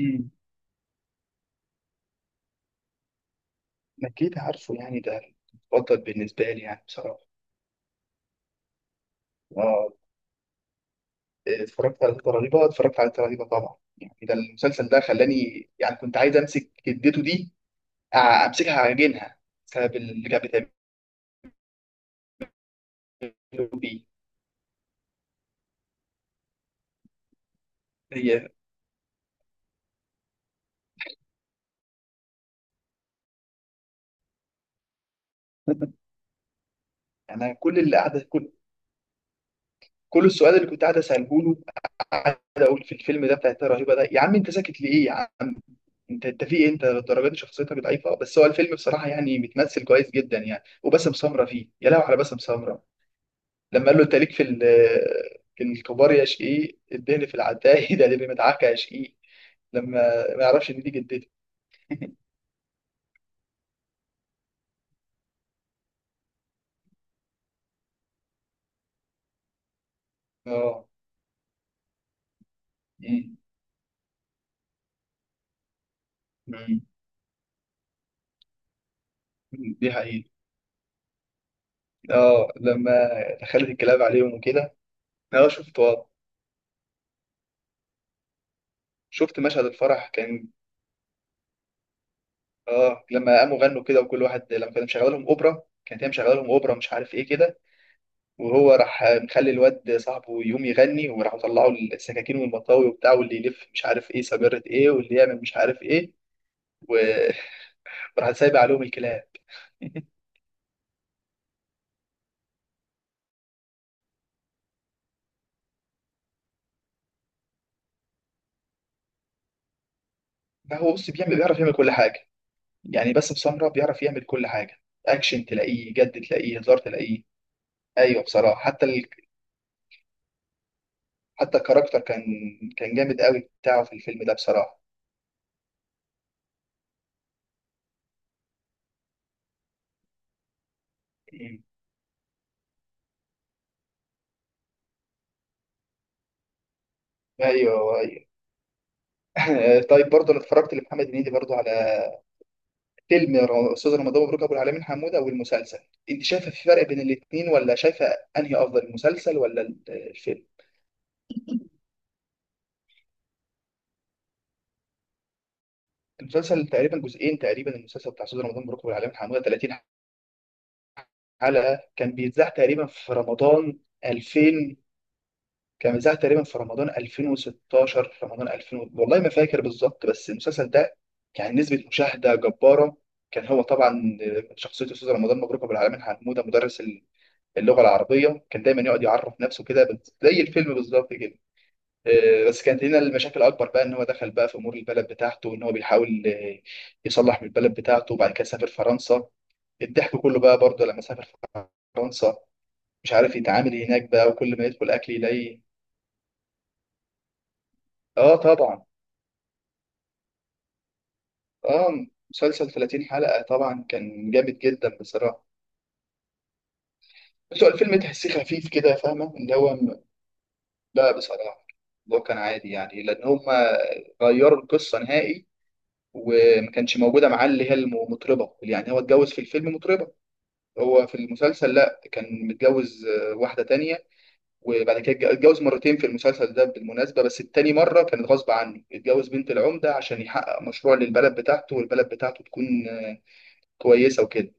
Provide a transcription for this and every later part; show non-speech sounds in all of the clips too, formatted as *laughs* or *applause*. مم. أكيد عارفه يعني ده المفضل بالنسبة لي يعني بصراحة. آه. اتفرجت على تلاتة رهيبة طبعا، يعني ده المسلسل ده خلاني، يعني كنت عايز أمسك جدته دي، أمسكها أعجنها بسبب اللي كانت بتعمله بيه. هي *laughs* أنا كل اللي قاعدة كل السؤال اللي كنت قاعد أسأله له، قاعد أقول في الفيلم ده بتاع تلاتة رهيبة ده، يا عم أنت ساكت ليه يا عم؟ انت في ايه، انت للدرجه دي شخصيتك ضعيفه؟ بس هو الفيلم بصراحه يعني متمثل كويس جدا يعني، وباسم سمره فيه، يا لهوي على باسم سمره لما قال له انت ليك في الكبار، يا شقيق الدهن في العتاهي *laughs* ده اللي مدعكه يا شقيق لما ما يعرفش ان دي جدتي. اه. مم. مم. دي حقيقة. اه، لما دخلت الكلاب عليهم وكده. اه شفت، اه، شفت مشهد الفرح، كان اه، لما قاموا غنوا كده، وكل واحد لما كان مشغل لهم اوبرا كانت هي مشغله لهم اوبرا، مش عارف ايه كده، وهو راح مخلي الواد صاحبه يقوم يغني، وراحوا طلعوا السكاكين والمطاوي وبتاع، واللي يلف مش عارف ايه سجارة ايه، واللي يعمل مش عارف ايه و... *laughs* راح سايب عليهم الكلاب. لا هو بص بيعمل، بيعرف يعمل كل حاجه، يعني باسم سمره بيعرف يعمل كل حاجه، اكشن تلاقيه، جد تلاقيه، هزار تلاقيه. ايوه بصراحه، حتى الكاركتر كان جامد قوي بتاعه في الفيلم ده بصراحه. مم. ايوه ايوه. *laughs* طيب برضه انا اتفرجت لمحمد هنيدي برضه على فيلم استاذ رمضان مبروك ابو العالمين حموده، والمسلسل. انت شايفه في فرق بين الاثنين ولا شايفه؟ انهي افضل، المسلسل ولا الفيلم؟ المسلسل تقريبا جزئين، تقريبا المسلسل بتاع استاذ رمضان مبروك ابو العالمين حموده 30 حلقة، كان بيتذاع تقريبا في رمضان 2000، كان بيتذاع تقريبا في رمضان 2016، رمضان 2000، والله ما فاكر بالظبط، بس المسلسل ده كان نسبة مشاهدة جبارة. كان هو طبعا شخصية أستاذ رمضان مبروك أبو العالمين حمودة مدرس اللغة العربية، كان دايما يقعد يعرف نفسه كده زي الفيلم بالظبط كده، بس كانت هنا المشاكل اكبر بقى، ان هو دخل بقى في امور البلد بتاعته، وان هو بيحاول يصلح من البلد بتاعته، وبعد كده سافر فرنسا. الضحك كله بقى برضه لما سافر فرنسا، مش عارف يتعامل هناك بقى، وكل ما يدخل اكل يلاقي. اه طبعا. اه، مسلسل 30 حلقة طبعا كان جامد جدا بصراحة. بس هو الفيلم تحسيه خفيف كده، فاهمة اللي هو لا بصراحة اللي هو كان عادي، يعني لأن هم غيروا القصة نهائي، وما كانش موجودة معاه اللي هي المطربة، يعني هو اتجوز في الفيلم مطربة، هو في المسلسل لا كان متجوز واحدة تانية، وبعد كده اتجوز مرتين في المسلسل ده بالمناسبة، بس التاني مرة كانت غصب عنه، اتجوز بنت العمدة عشان يحقق مشروع للبلد بتاعته، والبلد بتاعته تكون كويسة وكده.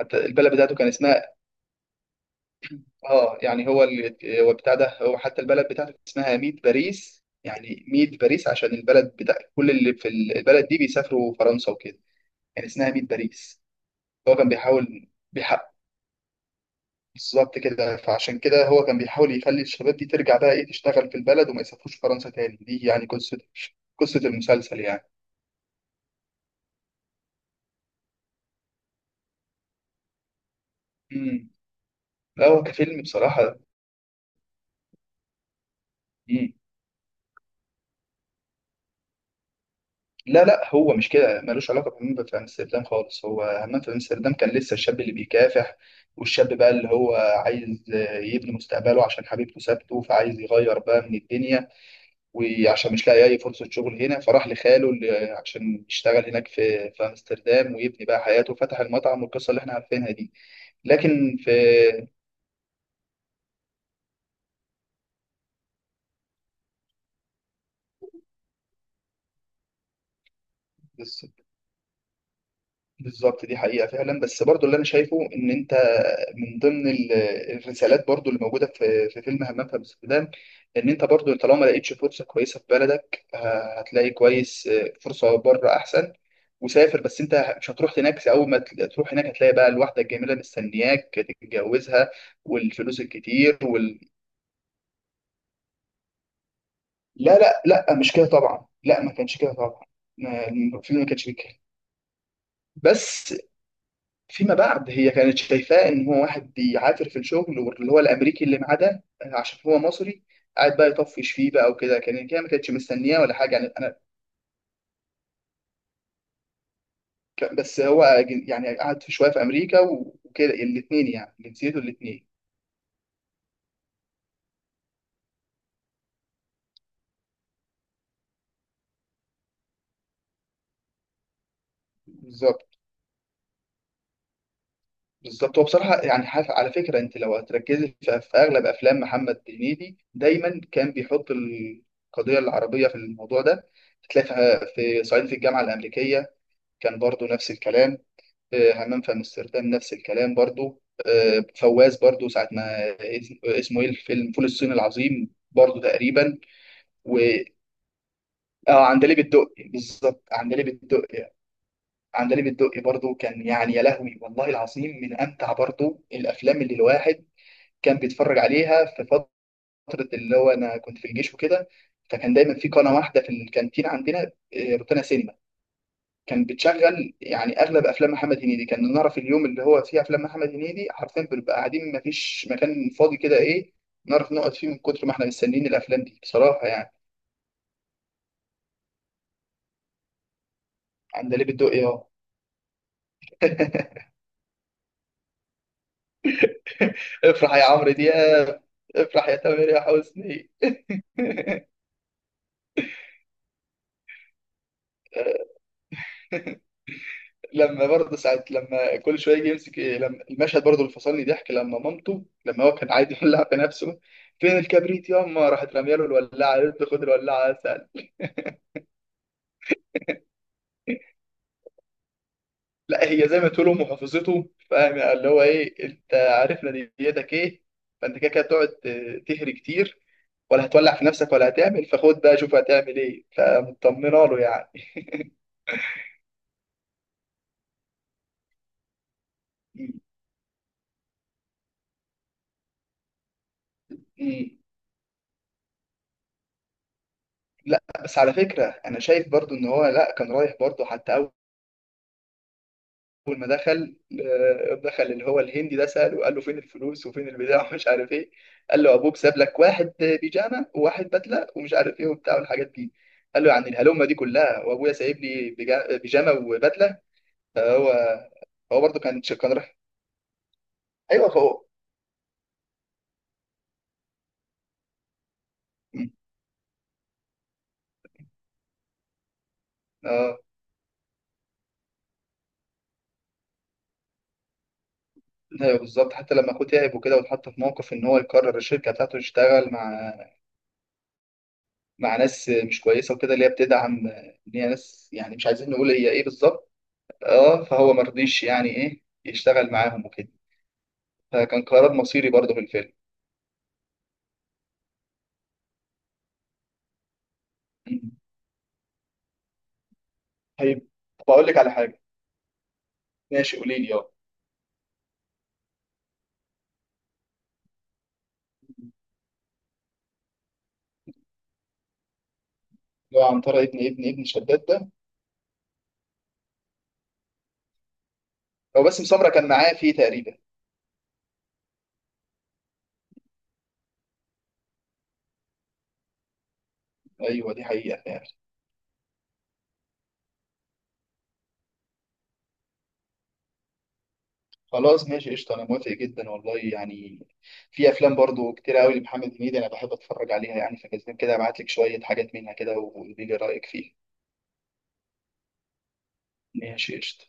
حتى البلد بتاعته كان اسمها، اه يعني هو اللي هو بتاع ده، هو حتى البلد بتاعته كان اسمها ميت باريس، يعني ميت باريس عشان البلد بتاع كل اللي البلد دي بيسافروا فرنسا وكده، يعني اسمها ميت باريس. هو كان بيحاول بيحقق بالظبط كده، فعشان كده هو كان بيحاول يخلي الشباب دي ترجع بقى ايه، تشتغل في البلد وما يسافروش فرنسا تاني، دي يعني قصة المسلسل يعني. امم لا هو كفيلم بصراحة. امم لا لا هو مش كده، ملوش علاقة بهمام في أمستردام خالص، هو همام في أمستردام كان لسه الشاب اللي بيكافح، والشاب بقى اللي هو عايز يبني مستقبله عشان حبيبته سابته، فعايز يغير بقى من الدنيا، وعشان مش لاقي أي فرصة شغل هنا فراح لخاله، اللي- عشان يشتغل هناك في أمستردام ويبني بقى حياته، وفتح المطعم والقصة اللي احنا عارفينها دي، لكن في، بالظبط دي حقيقة فعلا. بس برضو اللي أنا شايفه إن أنت من ضمن ال- الرسالات برضو اللي موجودة في فيلم همام في أمستردام، إن أنت برضو طالما ما لقيتش فرصة كويسة في بلدك، هتلاقي كويس فرصة بره أحسن، وسافر، بس أنت مش هتروح هناك، أول ما تروح هناك هتلاقي بقى الواحدة الجميلة مستنياك تتجوزها، والفلوس الكتير وال... لا لا لا مش كده طبعا، لا ما كانش كده طبعا، الفيلم ما كانش كده. بس فيما بعد هي كانت شايفاه ان هو واحد بيعافر في الشغل، واللي هو الامريكي اللي معاه ده عشان هو مصري، قاعد بقى يطفش فيه بقى وكده، كان هي ما كانتش مستنياه ولا حاجه يعني انا، بس هو يعني قعد في شويه في امريكا وكده الاثنين، يعني جنسيته الاثنين. بالظبط، بالظبط، هو بصراحه يعني على فكره انت لو هتركزي في اغلب افلام محمد هنيدي دايما كان بيحط القضيه العربيه في الموضوع ده، هتلاقي في صعيدي في الجامعه الامريكيه كان برضو نفس الكلام، حمام في امستردام نفس الكلام، برضو فواز برضو ساعة ما اسمه ايه، الفيلم فول الصين العظيم برضو تقريبا، و اه عندليب الدقي، بالظبط عندليب الدقي. عندليب الدقي برضو كان يعني، يا لهوي، والله العظيم من امتع برضو الافلام اللي الواحد كان بيتفرج عليها في فترة، اللي هو انا كنت في الجيش وكده، فكان دايما في قناة واحدة في الكانتين عندنا، روتانا سينما، كان بتشغل يعني اغلب افلام محمد هنيدي، كان نعرف اليوم اللي هو فيه افلام محمد هنيدي، حرفيا بنبقى قاعدين ما فيش مكان فاضي كده ايه، نعرف نقعد فيه، من كتر ما احنا مستنيين الافلام دي بصراحه يعني. عندليب الدقي اهو. *laughs* افرح يا عمرو دياب، افرح يا تامر يا حسني. *laughs* لما برضه ساعات لما كل شويه يجي يمسك إيه، لما المشهد برضه اللي فصلني ضحك لما مامته، لما هو كان عايز يولع في نفسه، فين الكبريت ياما راحت راميه له الولاعه، قالت له خد الولاعه. لا هي زي ما تقولوا محافظته، فاهم يعني، اللي هو ايه، انت عارف نيتك ايه، فانت كده كده تقعد تهري كتير، ولا هتولع في نفسك ولا هتعمل، فخد بقى شوف هتعمل ايه، فمطمنه له يعني. م- م. لا بس على فكره انا شايف برضو ان هو لا، كان رايح برضو حتى اول ما دخل دخل اللي هو الهندي ده ساله، قال له فين الفلوس وفين البتاع *laughs* ومش عارف ايه، قال له ابوك ساب لك واحد بيجامه وواحد بدله ومش عارف ايه وبتاع والحاجات دي، قال له يعني الهلومه دي كلها وابويا سايب لي بيجامه وبدله، فهو برضه كان راح، ايوه فهو. مم. اه ايوه بالظبط، حتى لما اخوه تعب وكده واتحط في موقف ان هو يقرر الشركه بتاعته يشتغل مع مع ناس مش كويسه وكده، اللي هي بتدعم ان هي ناس يعني مش عايزين نقول هي ايه بالظبط، اه فهو مرضيش يعني ايه يشتغل معاهم وكده، فكان قرار مصيري برضه في الفيلم. مم. طيب بقول لك على حاجه. ماشي قولي لي، اه. اللي هو عنترة ابن شداد ده، هو باسم سمرة كان معاه فيه تقريبا. ايوه، دي حقيقه فعلا. خلاص ماشي قشطه، انا موافق جدا والله يعني، في افلام برضه كتير قوي لمحمد هنيدي انا بحب اتفرج عليها يعني، فكده كده ابعت لك شويه حاجات منها كده وقولي لي رايك فيها. ماشي قشطه.